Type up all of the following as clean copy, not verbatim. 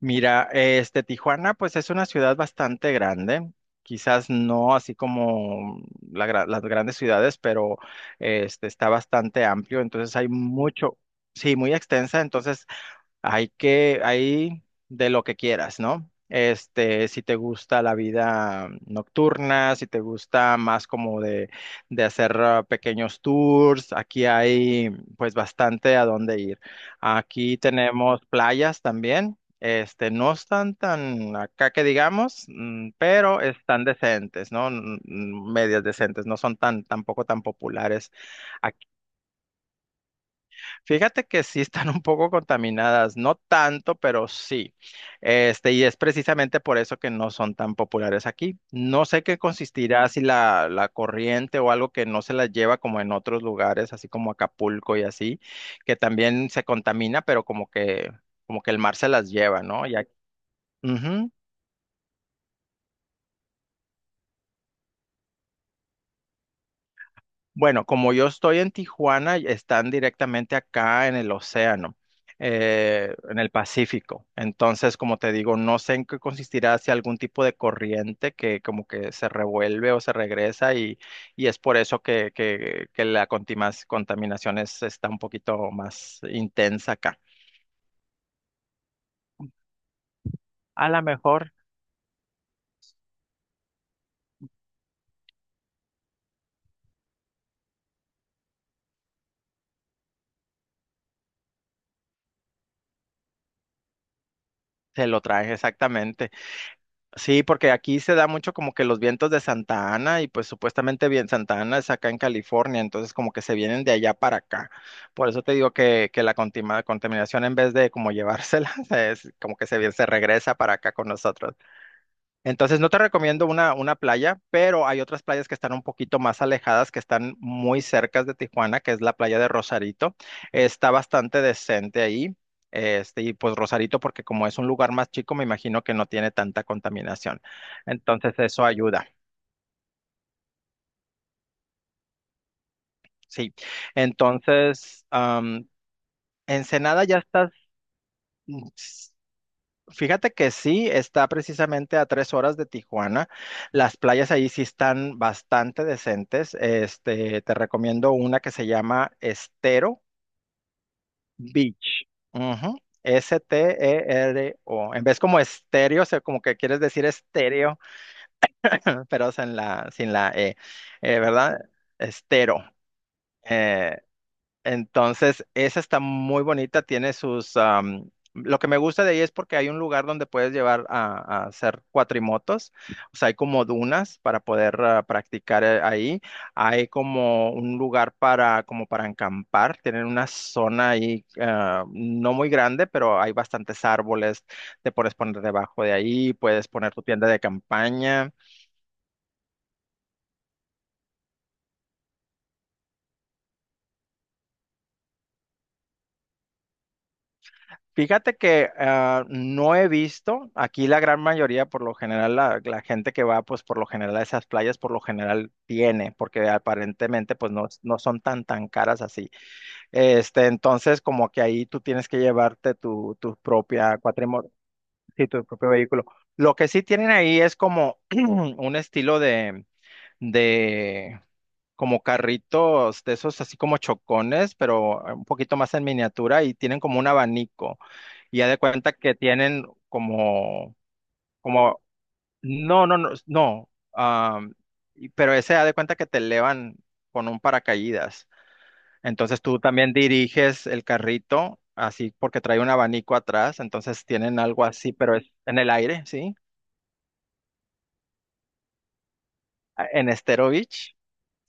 Mira, Tijuana, pues es una ciudad bastante grande, quizás no así como las grandes ciudades, pero está bastante amplio, entonces hay mucho, sí, muy extensa, entonces hay de lo que quieras, ¿no? Si te gusta la vida nocturna, si te gusta más como de hacer pequeños tours, aquí hay pues bastante a dónde ir. Aquí tenemos playas también. No están tan acá que digamos, pero están decentes, ¿no? Medias decentes, no son tan, tampoco tan populares. Fíjate que sí están un poco contaminadas, no tanto, pero sí. Y es precisamente por eso que no son tan populares aquí. No sé qué consistirá si la corriente o algo que no se la lleva como en otros lugares, así como Acapulco y así, que también se contamina, pero como que el mar se las lleva, ¿no? Ya, bueno, como yo estoy en Tijuana, están directamente acá en el océano, en el Pacífico. Entonces, como te digo, no sé en qué consistirá si algún tipo de corriente que como que se revuelve o se regresa y es por eso que la contaminación está un poquito más intensa acá. A lo mejor se lo traen exactamente. Sí, porque aquí se da mucho como que los vientos de Santa Ana y pues supuestamente bien Santa Ana es acá en California, entonces como que se vienen de allá para acá. Por eso te digo que la contaminación en vez de como llevársela, es como que se, se regresa para acá con nosotros. Entonces, no te recomiendo una playa, pero hay otras playas que están un poquito más alejadas, que están muy cercas de Tijuana, que es la playa de Rosarito. Está bastante decente ahí. Y pues Rosarito, porque como es un lugar más chico, me imagino que no tiene tanta contaminación. Entonces, eso ayuda. Sí. Entonces, am, Ensenada ya estás. Fíjate que sí, está precisamente a 3 horas de Tijuana. Las playas ahí sí están bastante decentes. Te recomiendo una que se llama Estero Beach. Ujú, S-T-E-R-O. En vez como estéreo, o sea, como que quieres decir estéreo, pero sin la E, eh, ¿verdad? Estero. eh, Entonces, esa está muy bonita, tiene sus lo que me gusta de ahí es porque hay un lugar donde puedes llevar a hacer cuatrimotos, o sea, hay como dunas para poder practicar ahí, hay como un lugar como para acampar, tienen una zona ahí no muy grande, pero hay bastantes árboles, te puedes poner debajo de ahí, puedes poner tu tienda de campaña. Fíjate que no he visto, aquí la gran mayoría, por lo general, la gente que va, pues por lo general a esas playas, por lo general tiene, porque aparentemente pues no son tan caras así. Entonces como que ahí tú tienes que llevarte tu propia cuatrimoto, sí, tu propio vehículo. Lo que sí tienen ahí es como un estilo de, como carritos de esos así como chocones, pero un poquito más en miniatura y tienen como un abanico y ya de cuenta que tienen como, como, no, no, no, no, am, pero ese ha de cuenta que te elevan con un paracaídas. Entonces tú también diriges el carrito, así porque trae un abanico atrás, entonces tienen algo así, pero es en el aire, ¿sí? En Estero Beach.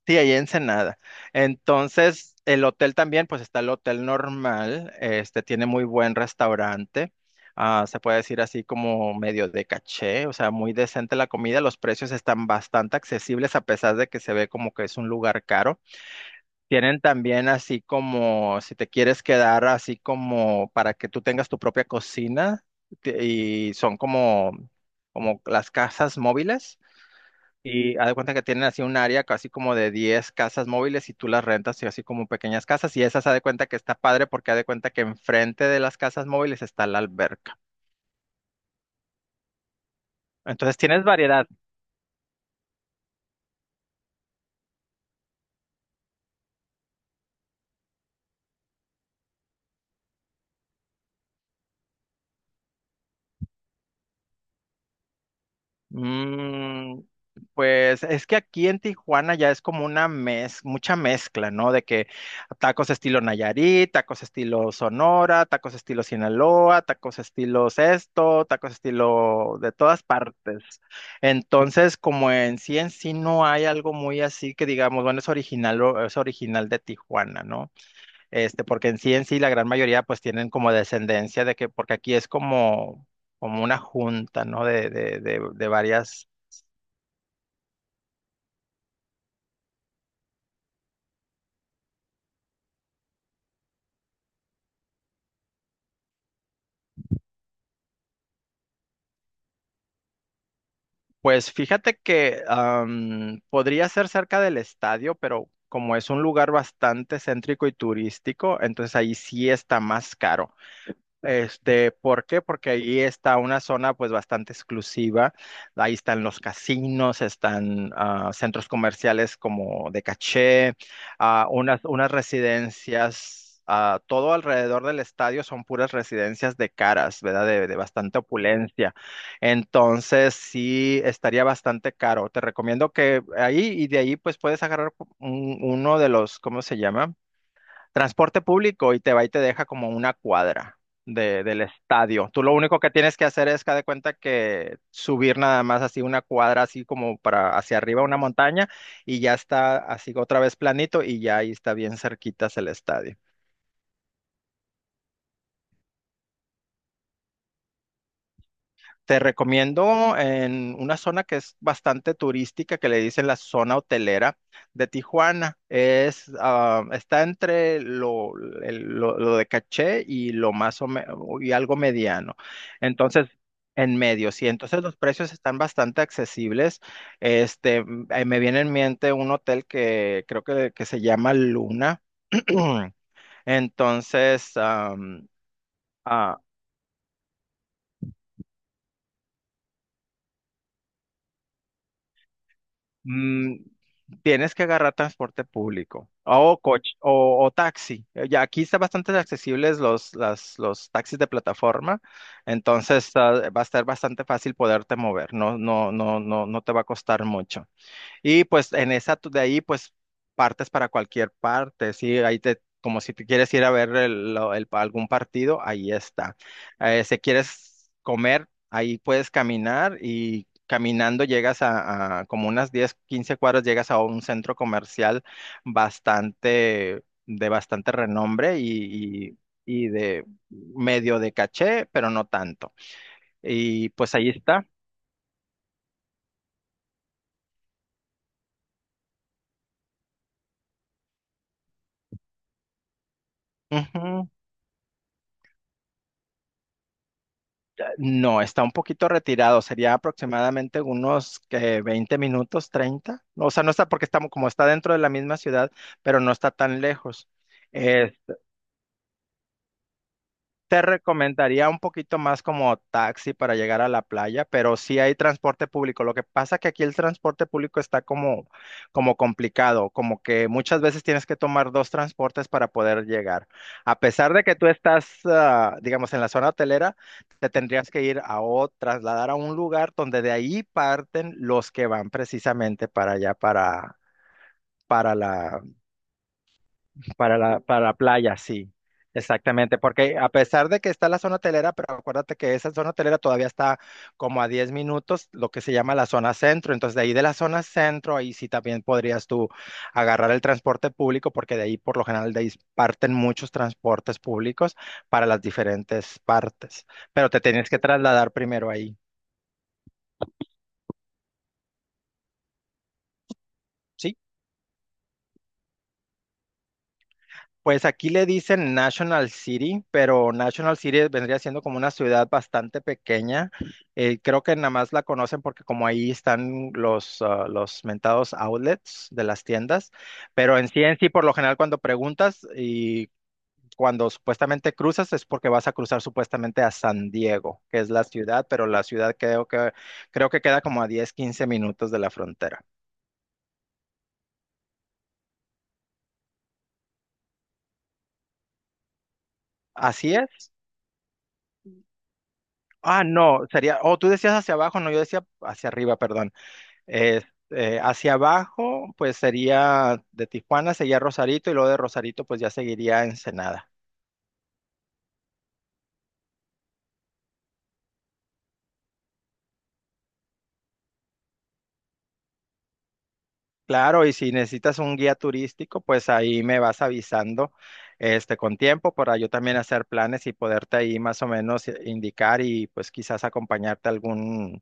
Sí, ahí en Ensenada. Entonces, el hotel también, pues está el hotel normal, este tiene muy buen restaurante, se puede decir así como medio de caché, o sea, muy decente la comida, los precios están bastante accesibles a pesar de que se ve como que es un lugar caro. Tienen también así como, si te quieres quedar así como para que tú tengas tu propia cocina y son como, como las casas móviles. Y haz de cuenta que tienen así un área casi como de 10 casas móviles y tú las rentas y así como pequeñas casas. Y esas haz de cuenta que está padre porque haz de cuenta que enfrente de las casas móviles está la alberca. Entonces tienes variedad. Mm, pues es que aquí en Tijuana ya es como mucha mezcla, ¿no? De que tacos estilo Nayarit, tacos estilo Sonora, tacos estilo Sinaloa, tacos estilo esto, tacos estilo de todas partes. Entonces, como en sí no hay algo muy así que digamos, bueno, es original, es original de Tijuana, ¿no? Porque en sí la gran mayoría pues tienen como descendencia de que, porque aquí es como, como una junta, ¿no? De, de varias. Pues fíjate que podría ser cerca del estadio, pero como es un lugar bastante céntrico y turístico, entonces ahí sí está más caro. ¿Por qué? Porque ahí está una zona pues bastante exclusiva. Ahí están los casinos, están centros comerciales como de caché, unas residencias, todo alrededor del estadio son puras residencias de caras, ¿verdad? De bastante opulencia. Entonces sí estaría bastante caro. Te recomiendo que ahí, y de ahí pues puedes agarrar uno de los, ¿cómo se llama? Transporte público y te va y te deja como una cuadra del estadio. Tú lo único que tienes que hacer es que haz de cuenta que subir nada más así una cuadra, así como para hacia arriba una montaña y ya está así otra vez planito y ya ahí está bien cerquitas el estadio. Te recomiendo en una zona que es bastante turística, que le dicen la zona hotelera de Tijuana. Es, ah, está entre lo de caché y lo y algo mediano. Entonces, en medio, sí. Entonces los precios están bastante accesibles. Me viene en mente un hotel que creo que se llama Luna. Entonces, am, Mm, tienes que agarrar transporte público o coche o taxi. Ya aquí están bastante accesibles los taxis de plataforma, entonces va a estar bastante fácil poderte mover. No te va a costar mucho. Y pues en esa de ahí pues partes para cualquier parte, sí, ahí te como si te quieres ir a ver algún partido, ahí está. Si quieres comer, ahí puedes caminar y caminando llegas a como unas 10 15 cuadras llegas a un centro comercial bastante de bastante renombre y de medio de caché, pero no tanto. Y pues ahí está. Ujú. No, está un poquito retirado, sería aproximadamente unos que 20 minutos, 30. O sea, no está porque estamos como está dentro de la misma ciudad, pero no está tan lejos. Eh, Te recomendaría un poquito más como taxi para llegar a la playa, pero sí hay transporte público. Lo que pasa que aquí el transporte público está como, como complicado, como que muchas veces tienes que tomar dos transportes para poder llegar. A pesar de que tú estás, ah, digamos, en la zona hotelera, te tendrías que ir a o trasladar a un lugar donde de ahí parten los que van precisamente para allá, para la para la, playa, sí, exactamente, porque a pesar de que está la zona hotelera, pero acuérdate que esa zona hotelera todavía está como a 10 minutos, lo que se llama la zona centro, entonces de ahí de la zona centro, ahí sí también podrías tú agarrar el transporte público, porque de ahí por lo general de ahí parten muchos transportes públicos para las diferentes partes, pero te tienes que trasladar primero ahí, ¿sí? Pues aquí le dicen National City, pero National City vendría siendo como una ciudad bastante pequeña. Creo que nada más la conocen porque como ahí están los, los mentados outlets de las tiendas, pero en sí, por lo general cuando preguntas y cuando supuestamente cruzas es porque vas a cruzar supuestamente a San Diego, que es la ciudad, pero la ciudad creo que queda como a 10 15 minutos de la frontera. Así es. No, sería, oh, tú decías hacia abajo, no, yo decía hacia arriba, perdón. Eh, Hacia abajo, pues sería de Tijuana, sería Rosarito y luego de Rosarito, pues ya seguiría Ensenada. Claro, y si necesitas un guía turístico, pues ahí me vas avisando, este, con tiempo para yo también hacer planes y poderte ahí más o menos indicar y pues quizás acompañarte a algún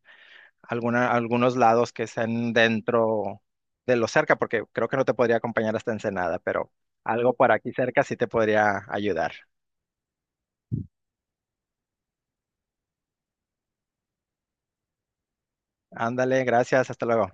alguna algunos lados que estén dentro de lo cerca, porque creo que no te podría acompañar hasta Ensenada, pero algo por aquí cerca sí te podría ayudar. Ándale, gracias, hasta luego.